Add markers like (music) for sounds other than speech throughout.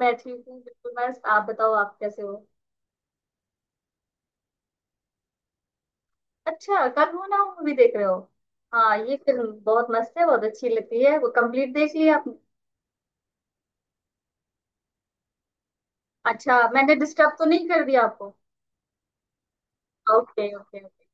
मैं ठीक हूँ, बिल्कुल मस्त। आप बताओ, आप कैसे हो? अच्छा, कल हो ना मूवी देख रहे हो? हाँ, ये फिल्म बहुत मस्त है, बहुत अच्छी लगती है। वो कंप्लीट देख लिया आपने? अच्छा, मैंने डिस्टर्ब तो नहीं कर दिया आपको? Okay, okay, okay.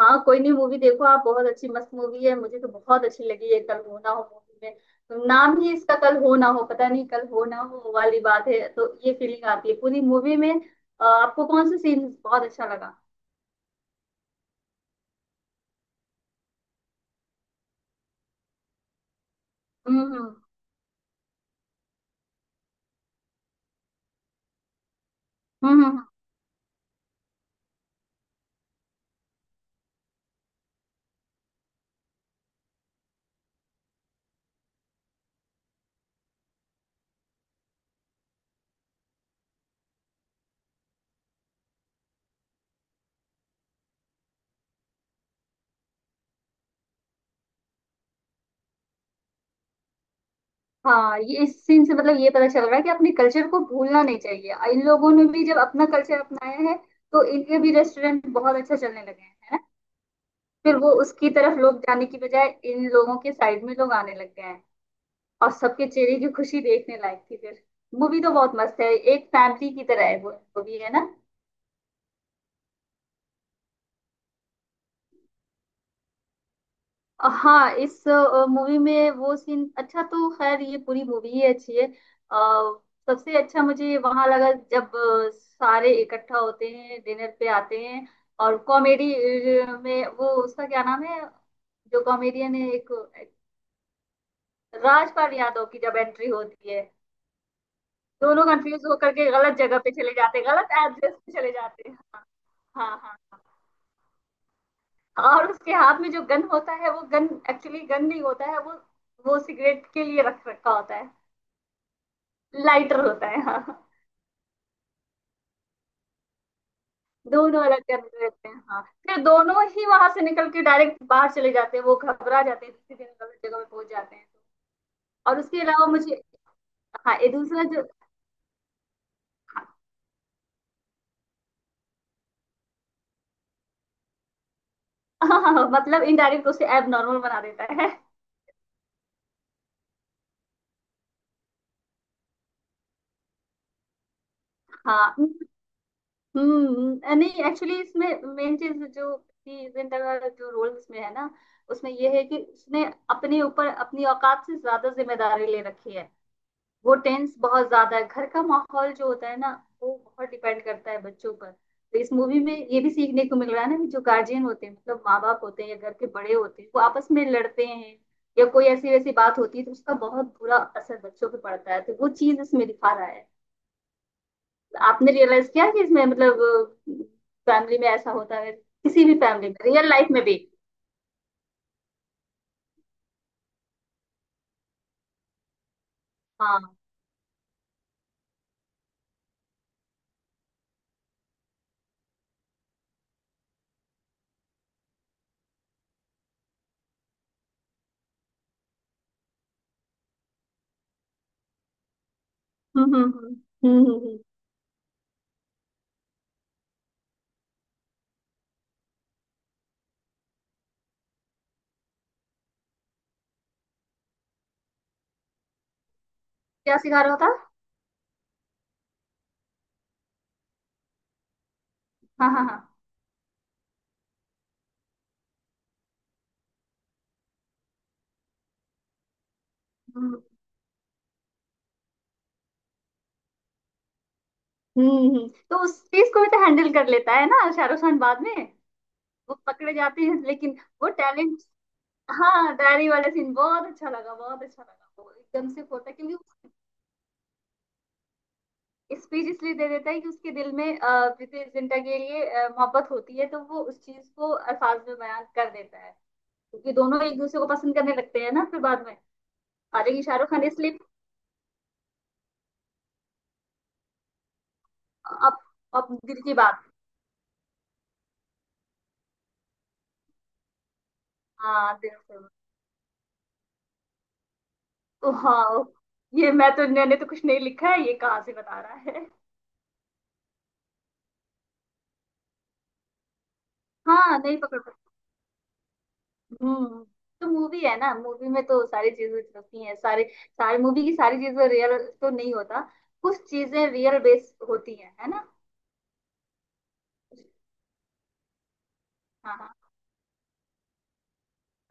हाँ कोई नहीं, मूवी देखो आप। बहुत अच्छी मस्त मूवी है, मुझे तो बहुत अच्छी लगी है। कल हो ना हो मूवी में नाम ही इसका कल हो ना हो, पता नहीं कल हो ना हो वाली बात है, तो ये फीलिंग आती है पूरी मूवी में। आपको कौन सा सीन बहुत अच्छा लगा? हम्म, हम्म। हम्म, हाँ, ये इस सीन से मतलब ये पता चल रहा है कि अपने कल्चर को भूलना नहीं चाहिए। इन लोगों ने भी जब अपना कल्चर अपनाया है तो इनके भी रेस्टोरेंट बहुत अच्छा चलने लगे हैं, है ना? फिर वो उसकी तरफ लोग जाने की बजाय इन लोगों के साइड में लोग आने लग गए हैं। और सबके चेहरे की खुशी देखने लायक थी फिर। मूवी तो बहुत मस्त है, एक फैमिली की तरह है वो मूवी, है ना? हाँ, इस मूवी में वो सीन अच्छा, तो खैर ये पूरी मूवी ही अच्छी है। सबसे अच्छा मुझे वहां लगा जब सारे इकट्ठा होते हैं, डिनर पे आते हैं और कॉमेडी में। वो उसका क्या नाम है, जो कॉमेडियन है एक, राजपाल यादव की जब एंट्री होती है। दोनों कंफ्यूज होकर के गलत जगह पे चले जाते हैं, गलत एड्रेस पे चले जाते हैं। हाँ। हाँ हाँ और उसके हाथ में जो गन होता है, वो गन एक्चुअली गन नहीं होता है। वो सिगरेट के लिए रख रखा होता है। लाइटर होता है, हाँ। दोनों अलग कर देते हैं, हाँ। फिर दोनों ही वहां से निकल के डायरेक्ट बाहर चले जाते हैं, वो घबरा जाते हैं, दूसरी जगह जगह पे पहुंच जाते हैं। और उसके अलावा मुझे। हाँ, ये दूसरा जो। हाँ, (laughs) हाँ, हाँ, मतलब इनडायरेक्ट उसे एब नॉर्मल बना देता है। हाँ। नहीं, एक्चुअली इसमें मेन चीज जो कि जिंदा का जो रोल इसमें है ना, उसमें ये है कि उसने अपने ऊपर अपनी औकात से ज्यादा जिम्मेदारी ले रखी है। वो टेंस बहुत ज्यादा है, घर का माहौल जो होता है ना, वो बहुत डिपेंड करता है बच्चों पर। तो इस मूवी में ये भी सीखने को मिल रहा है ना कि जो गार्जियन होते हैं, मतलब माँ बाप होते हैं या घर के बड़े होते हैं, वो आपस में लड़ते हैं या कोई ऐसी वैसी बात होती है, तो उसका बहुत बुरा असर बच्चों पे पड़ता है। तो वो चीज इसमें दिखा रहा है। आपने रियलाइज किया कि इसमें मतलब फैमिली में ऐसा होता है, किसी भी फैमिली में, रियल लाइफ में भी? हाँ। हम्म, हम्म, हम्म, हम्म, क्या सिखा रहा होता? हाँ, हाँ, हाँ। हम्म, हम्म, तो उस चीज को भी तो हैंडल कर लेता है ना शाहरुख खान बाद में। वो पकड़े जाते हैं लेकिन वो टैलेंट। हाँ, डायरी वाला सीन बहुत अच्छा लगा, बहुत अच्छा लगा। वो एकदम से होता है क्योंकि स्पीच इसलिए दे देता है कि उसके दिल में प्रीति जिंटा के लिए मोहब्बत होती है, तो वो उस चीज को अल्फाज में बयान कर देता है। क्योंकि दोनों एक दूसरे को पसंद करने लगते हैं ना फिर बाद में। आ जाएगी, शाहरुख खान इसलिए। अब अब दिल की बात। हाँ, दिल से बात। ओ हाँ, ओ, ये मैं तो मैंने तो कुछ नहीं लिखा है, ये कहाँ से बता रहा है? हाँ, नहीं पकड़ पाती। हम्म। तो मूवी है ना, मूवी में तो सारी चीजें होती हैं, सारे सारी मूवी की सारी चीजें रियल तो नहीं होता। कुछ चीजें रियल बेस होती हैं, है ना? हाँ, हाँ,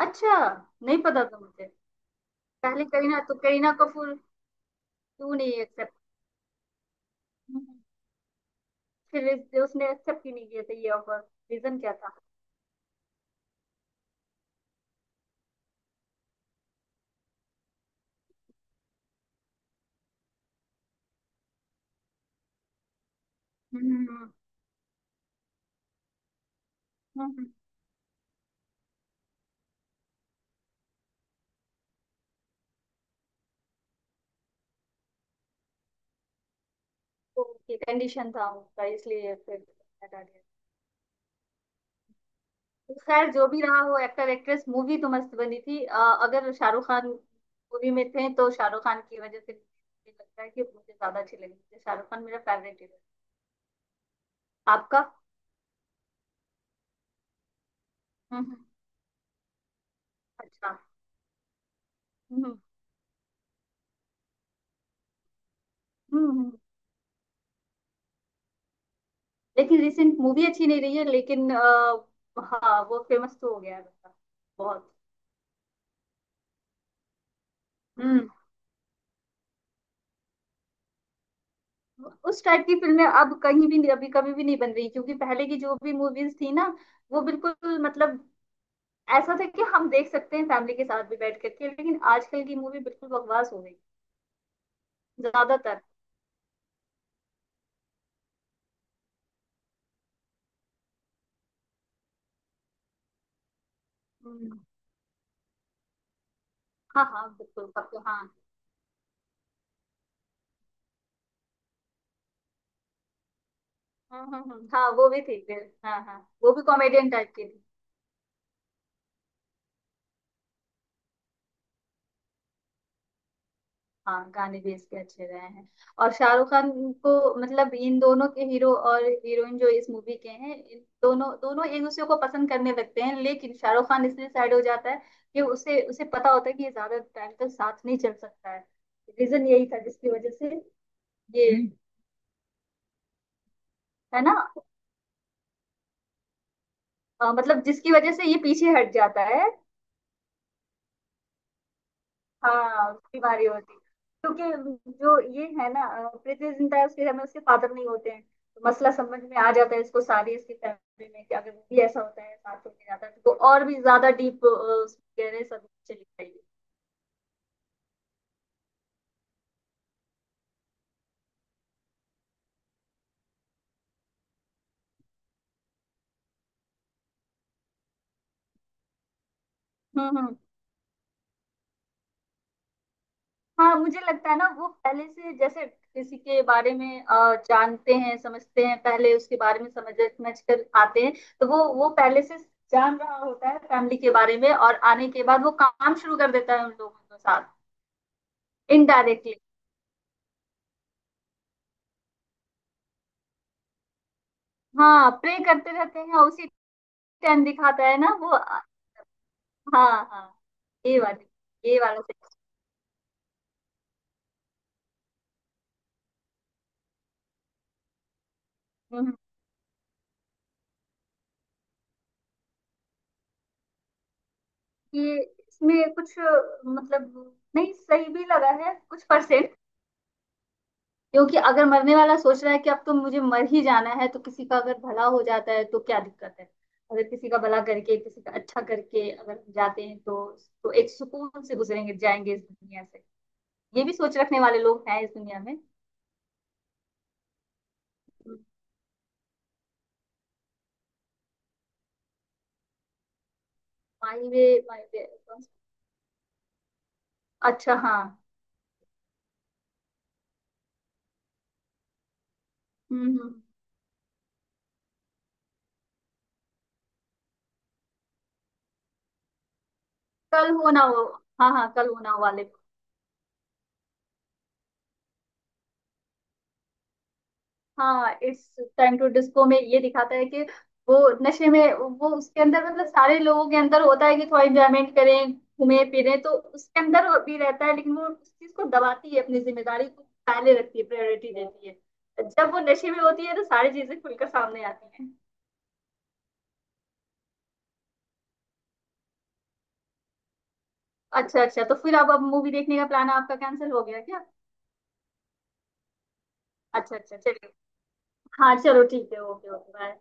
अच्छा, नहीं पता था मुझे। पहले करीना, तो करीना कपूर क्यों नहीं एक्सेप्ट, फिर उसने एक्सेप्ट क्यों नहीं किया था ये ऑफर? रीजन क्या था? हम्म, हम्म। ओके, कंडीशन था उनका, इसलिए फिर हटा दिया। तो खैर जो भी रहा वो एक्टर एक्ट्रेस, मूवी तो मस्त बनी थी। अगर शाहरुख खान मूवी में थे तो शाहरुख खान की वजह से मुझे लगता है कि मुझे ज्यादा अच्छी लगी। मुझे शाहरुख खान मेरा फेवरेट हीरो है। आपका? हम्म। अच्छा। हम्म, हम्म, लेकिन रिसेंट मूवी अच्छी नहीं रही है लेकिन हाँ, वो फेमस तो हो गया है बंदा बहुत। हम्म। उस टाइप की फिल्में अब कहीं भी अभी कभी भी नहीं बन रही, क्योंकि पहले की जो भी मूवीज थी ना, वो बिल्कुल मतलब ऐसा था कि हम देख सकते हैं फैमिली के साथ भी बैठ करके। लेकिन आजकल की मूवी बिल्कुल बकवास हो गई ज्यादातर। हम्म, हाँ, हाँ, बिल्कुल सबको, हाँ। हाँ, हाँ, हाँ, हाँ, वो भी ठीक है। हाँ, हाँ, वो भी कॉमेडियन टाइप की थी। हाँ, गाने भी इसके अच्छे रहे हैं। और शाहरुख खान को मतलब इन दोनों के हीरो और हीरोइन जो इस मूवी के हैं, इन दोनों दोनों एक दूसरे को पसंद करने लगते हैं लेकिन शाहरुख खान इसलिए साइड हो जाता है कि उसे उसे पता होता है कि ये ज्यादा टाइम तक साथ नहीं चल सकता है। रीजन यही था जिसकी वजह से ये। हम्म। है ना? मतलब जिसकी वजह से ये पीछे हट जाता है। हाँ, उसकी बारी होती, क्योंकि जो ये है ना, पृथ्वी जिंटा है, उसके घर में उसके फादर नहीं होते हैं, तो मसला समझ में आ जाता है इसको सारी, इसकी फैमिली में कि अगर वो भी ऐसा होता है, साथ होके जाता है, तो और भी ज्यादा डीप गहरे सब चली जाएगी। हम्म, हम्म। हाँ, मुझे लगता है ना वो पहले से जैसे किसी के बारे में जानते हैं, समझते हैं, पहले उसके बारे में समझ समझ कर आते हैं। तो वो पहले से जान रहा होता है फैमिली के बारे में, और आने के बाद वो काम शुरू कर देता है उन लोगों के साथ। इनडायरेक्टली, हाँ, प्रे करते रहते हैं और उसी टाइम दिखाता है ना वो। हाँ, हाँ, ये वाला सही। हम्म, हम्म, ये इसमें कुछ मतलब नहीं, सही भी लगा है कुछ परसेंट। क्योंकि अगर मरने वाला सोच रहा है कि अब तो मुझे मर ही जाना है तो किसी का अगर भला हो जाता है तो क्या दिक्कत है? अगर किसी का भला करके किसी का अच्छा करके अगर हम जाते हैं तो एक सुकून से गुजरेंगे, जाएंगे इस दुनिया से। ये भी सोच रखने वाले लोग हैं इस दुनिया में। माही वे, माही वे, अच्छा, हाँ। हम्म, कल हो ना हो। हाँ, हाँ, कल हो ना हो वाले। हाँ, इट्स टाइम टू डिस्को में ये दिखाता है कि वो नशे में, वो उसके अंदर मतलब सारे लोगों के अंदर होता है कि थोड़ा एंजॉयमेंट करें, घूमें फिरें, तो उसके अंदर वो भी रहता है। लेकिन वो उस चीज को दबाती है, अपनी जिम्मेदारी को पहले रखती है, प्रायोरिटी देती है। जब वो नशे में होती है तो सारी चीजें खुलकर सामने आती हैं। अच्छा, अच्छा, तो फिर अब मूवी देखने का प्लान आपका कैंसिल हो गया क्या? अच्छा, अच्छा, चलिए। हाँ, चलो ठीक है, ओके, ओके, बाय।